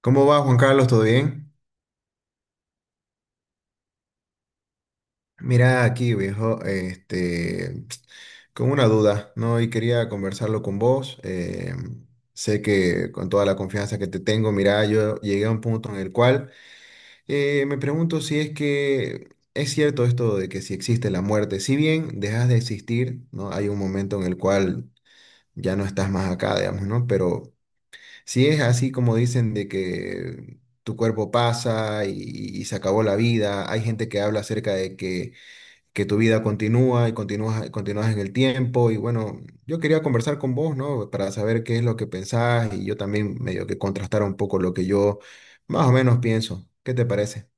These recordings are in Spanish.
¿Cómo va, Juan Carlos? ¿Todo bien? Mira aquí, viejo, este, con una duda, ¿no? Y quería conversarlo con vos. Sé que con toda la confianza que te tengo, mira, yo llegué a un punto en el cual me pregunto si es que es cierto esto de que si existe la muerte, si bien dejas de existir, ¿no? Hay un momento en el cual ya no estás más acá, digamos, ¿no? Pero si es así como dicen de que tu cuerpo pasa y se acabó la vida, hay gente que habla acerca de que tu vida continúa y continúas, continúas en el tiempo y bueno, yo quería conversar con vos, ¿no? Para saber qué es lo que pensás y yo también medio que contrastar un poco lo que yo más o menos pienso. ¿Qué te parece?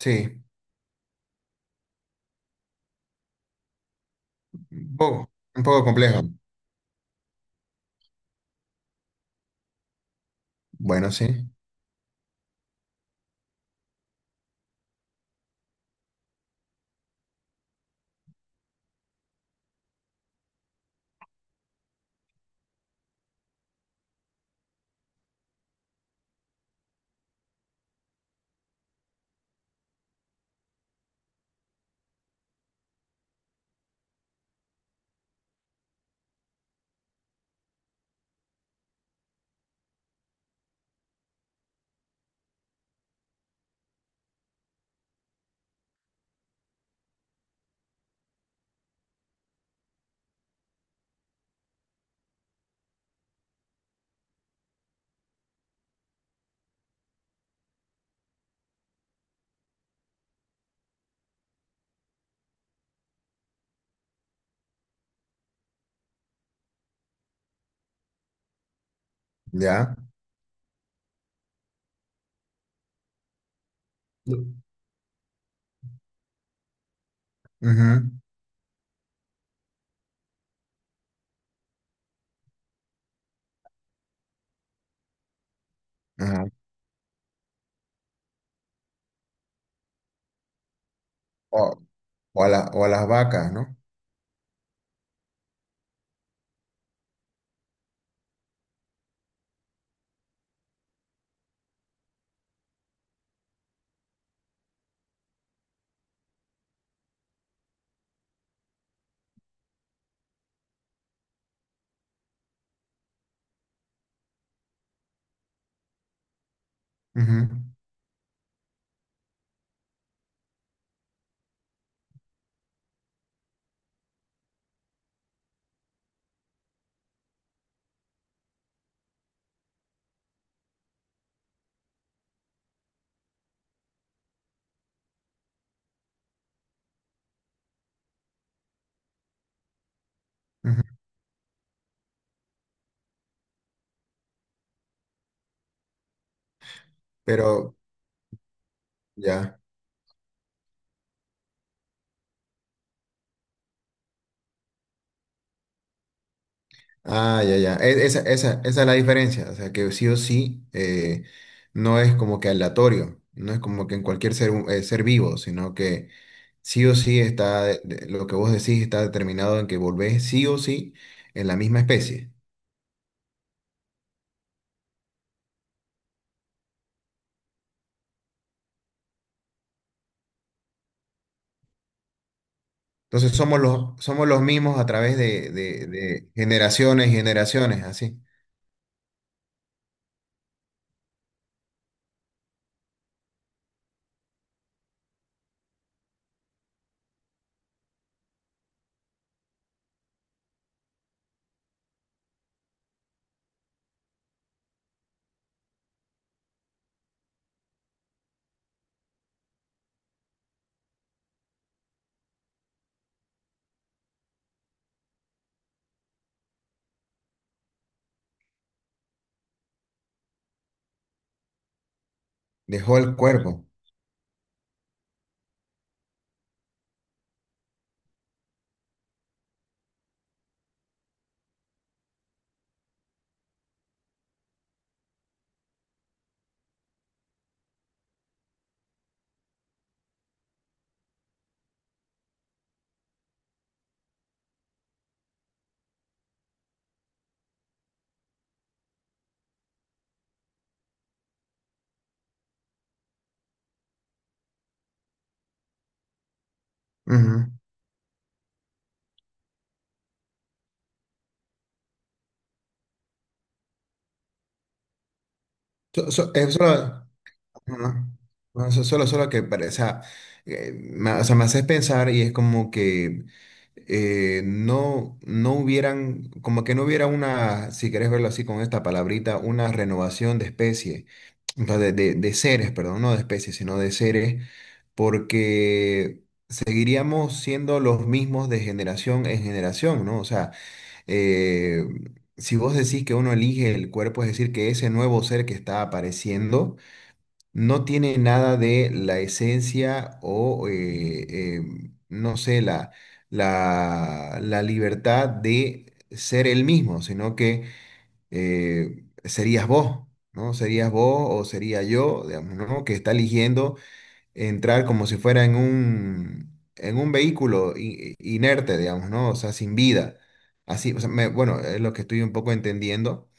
Sí, un poco complejo. Bueno, sí, ya. Ujú, ajá. O, o o a las vacas, ¿no? Ujú, ujú. Pero... Ya. Ah, ya, ya. Esa, esa, esa es la diferencia. O sea, que sí o sí no es como que aleatorio, no es como que en cualquier ser, ser vivo, sino que sí o sí está, lo que vos decís está determinado en que volvés sí o sí en la misma especie. Entonces somos los mismos a través de, de generaciones y generaciones, así. Dejó el cuerpo. Ujú. Es no, no, solo, solo que o sea, o sea, me haces pensar y es como que no, no hubieran, como que no hubiera una, si querés verlo así con esta palabrita, una renovación de especie, o sea, de seres, perdón, no de especies, sino de seres, porque seguiríamos siendo los mismos de generación en generación, ¿no? O sea, eh, si vos decís que uno elige el cuerpo, es decir, que ese nuevo ser que está apareciendo, no tiene nada de la esencia o, eh, no sé, la libertad de ser él mismo, sino que serías vos, ¿no? Serías vos o sería yo, digamos, ¿no? Que está eligiendo entrar como si fuera en un vehículo inerte, digamos, ¿no? O sea, sin vida. Así, o sea, bueno, es lo que estoy un poco entendiendo.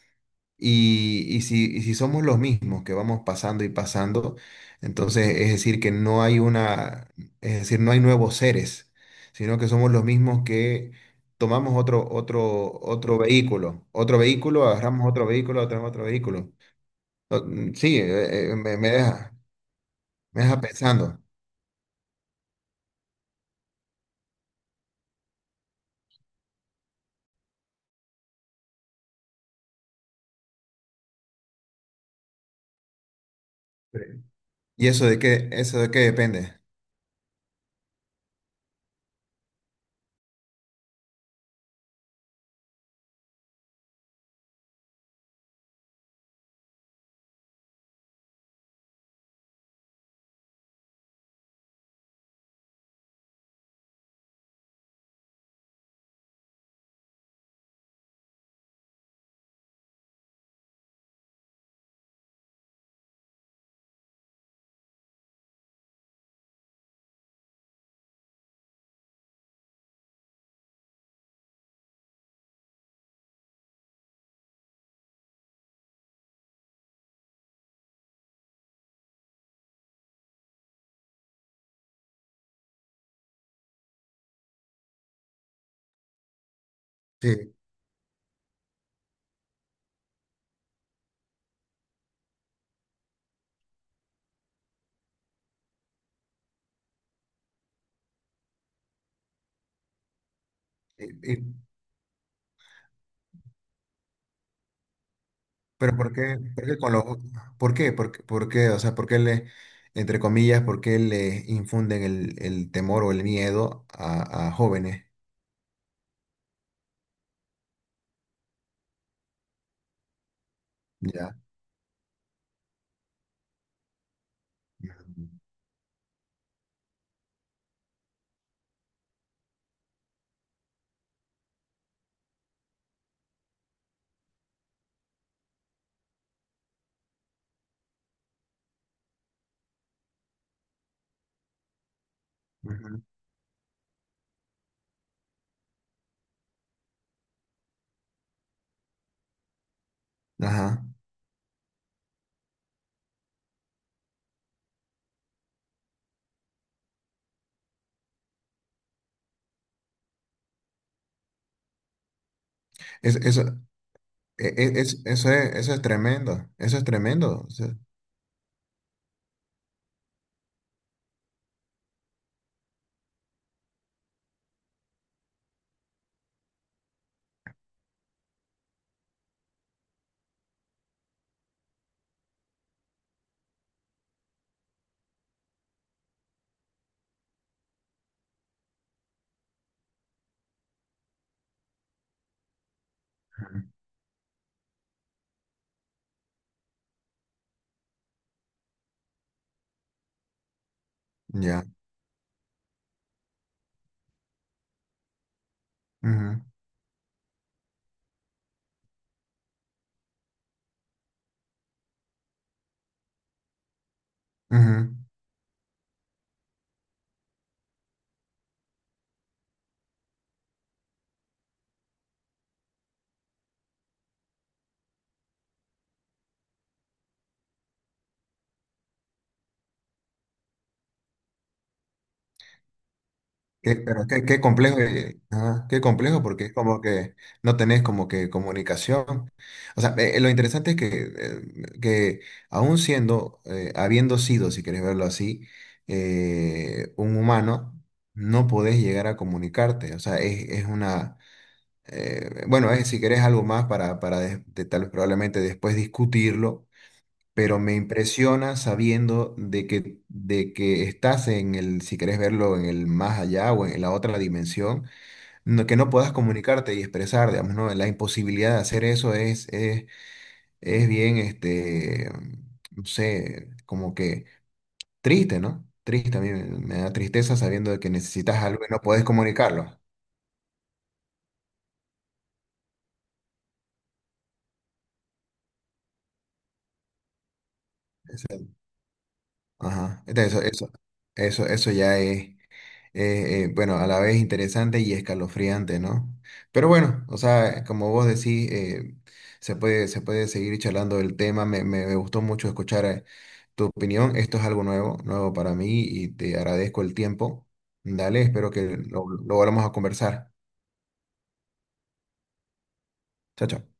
Y si somos los mismos que vamos pasando y pasando, entonces es decir que no hay una, es decir, no hay nuevos seres, sino que somos los mismos que tomamos otro, otro, otro vehículo, agarramos otro vehículo, otro, otro vehículo. Sí, me, me deja pensando. Sí. ¿Y eso de qué depende? Sí. Pero ¿por qué? ¿Por qué con los, ¿por qué? ¿Por qué? ¿por qué? O sea, ¿por qué le, entre comillas, por qué le infunden el temor o el miedo a jóvenes? Ya. Ujú. Ajá. Eso, eso es tremendo. Eso es tremendo. O sea, ujú. Ya. Ujú. Ujú. Pero qué, qué complejo, ajá, qué complejo porque es como que no tenés como que comunicación. O sea, lo interesante es que aún siendo, habiendo sido, si querés verlo así, un humano, no podés llegar a comunicarte. O sea, es una, bueno, es si querés algo más para tal vez probablemente después discutirlo, pero me impresiona sabiendo de que estás en el, si querés verlo, en el más allá o en la otra dimensión, que no puedas comunicarte y expresar, digamos, ¿no? La imposibilidad de hacer eso es bien, este, no sé, como que triste, ¿no? Triste, a mí me, me da tristeza sabiendo de que necesitas algo y no puedes comunicarlo. Ese- Ajá, entonces eso ya es. Bueno, a la vez interesante y escalofriante, ¿no? Pero bueno, o sea, como vos decís, se puede seguir charlando del tema. Me, me gustó mucho escuchar tu opinión. Esto es algo nuevo, nuevo para mí y te agradezco el tiempo. Dale, espero que lo volvamos a conversar. Chao, chao.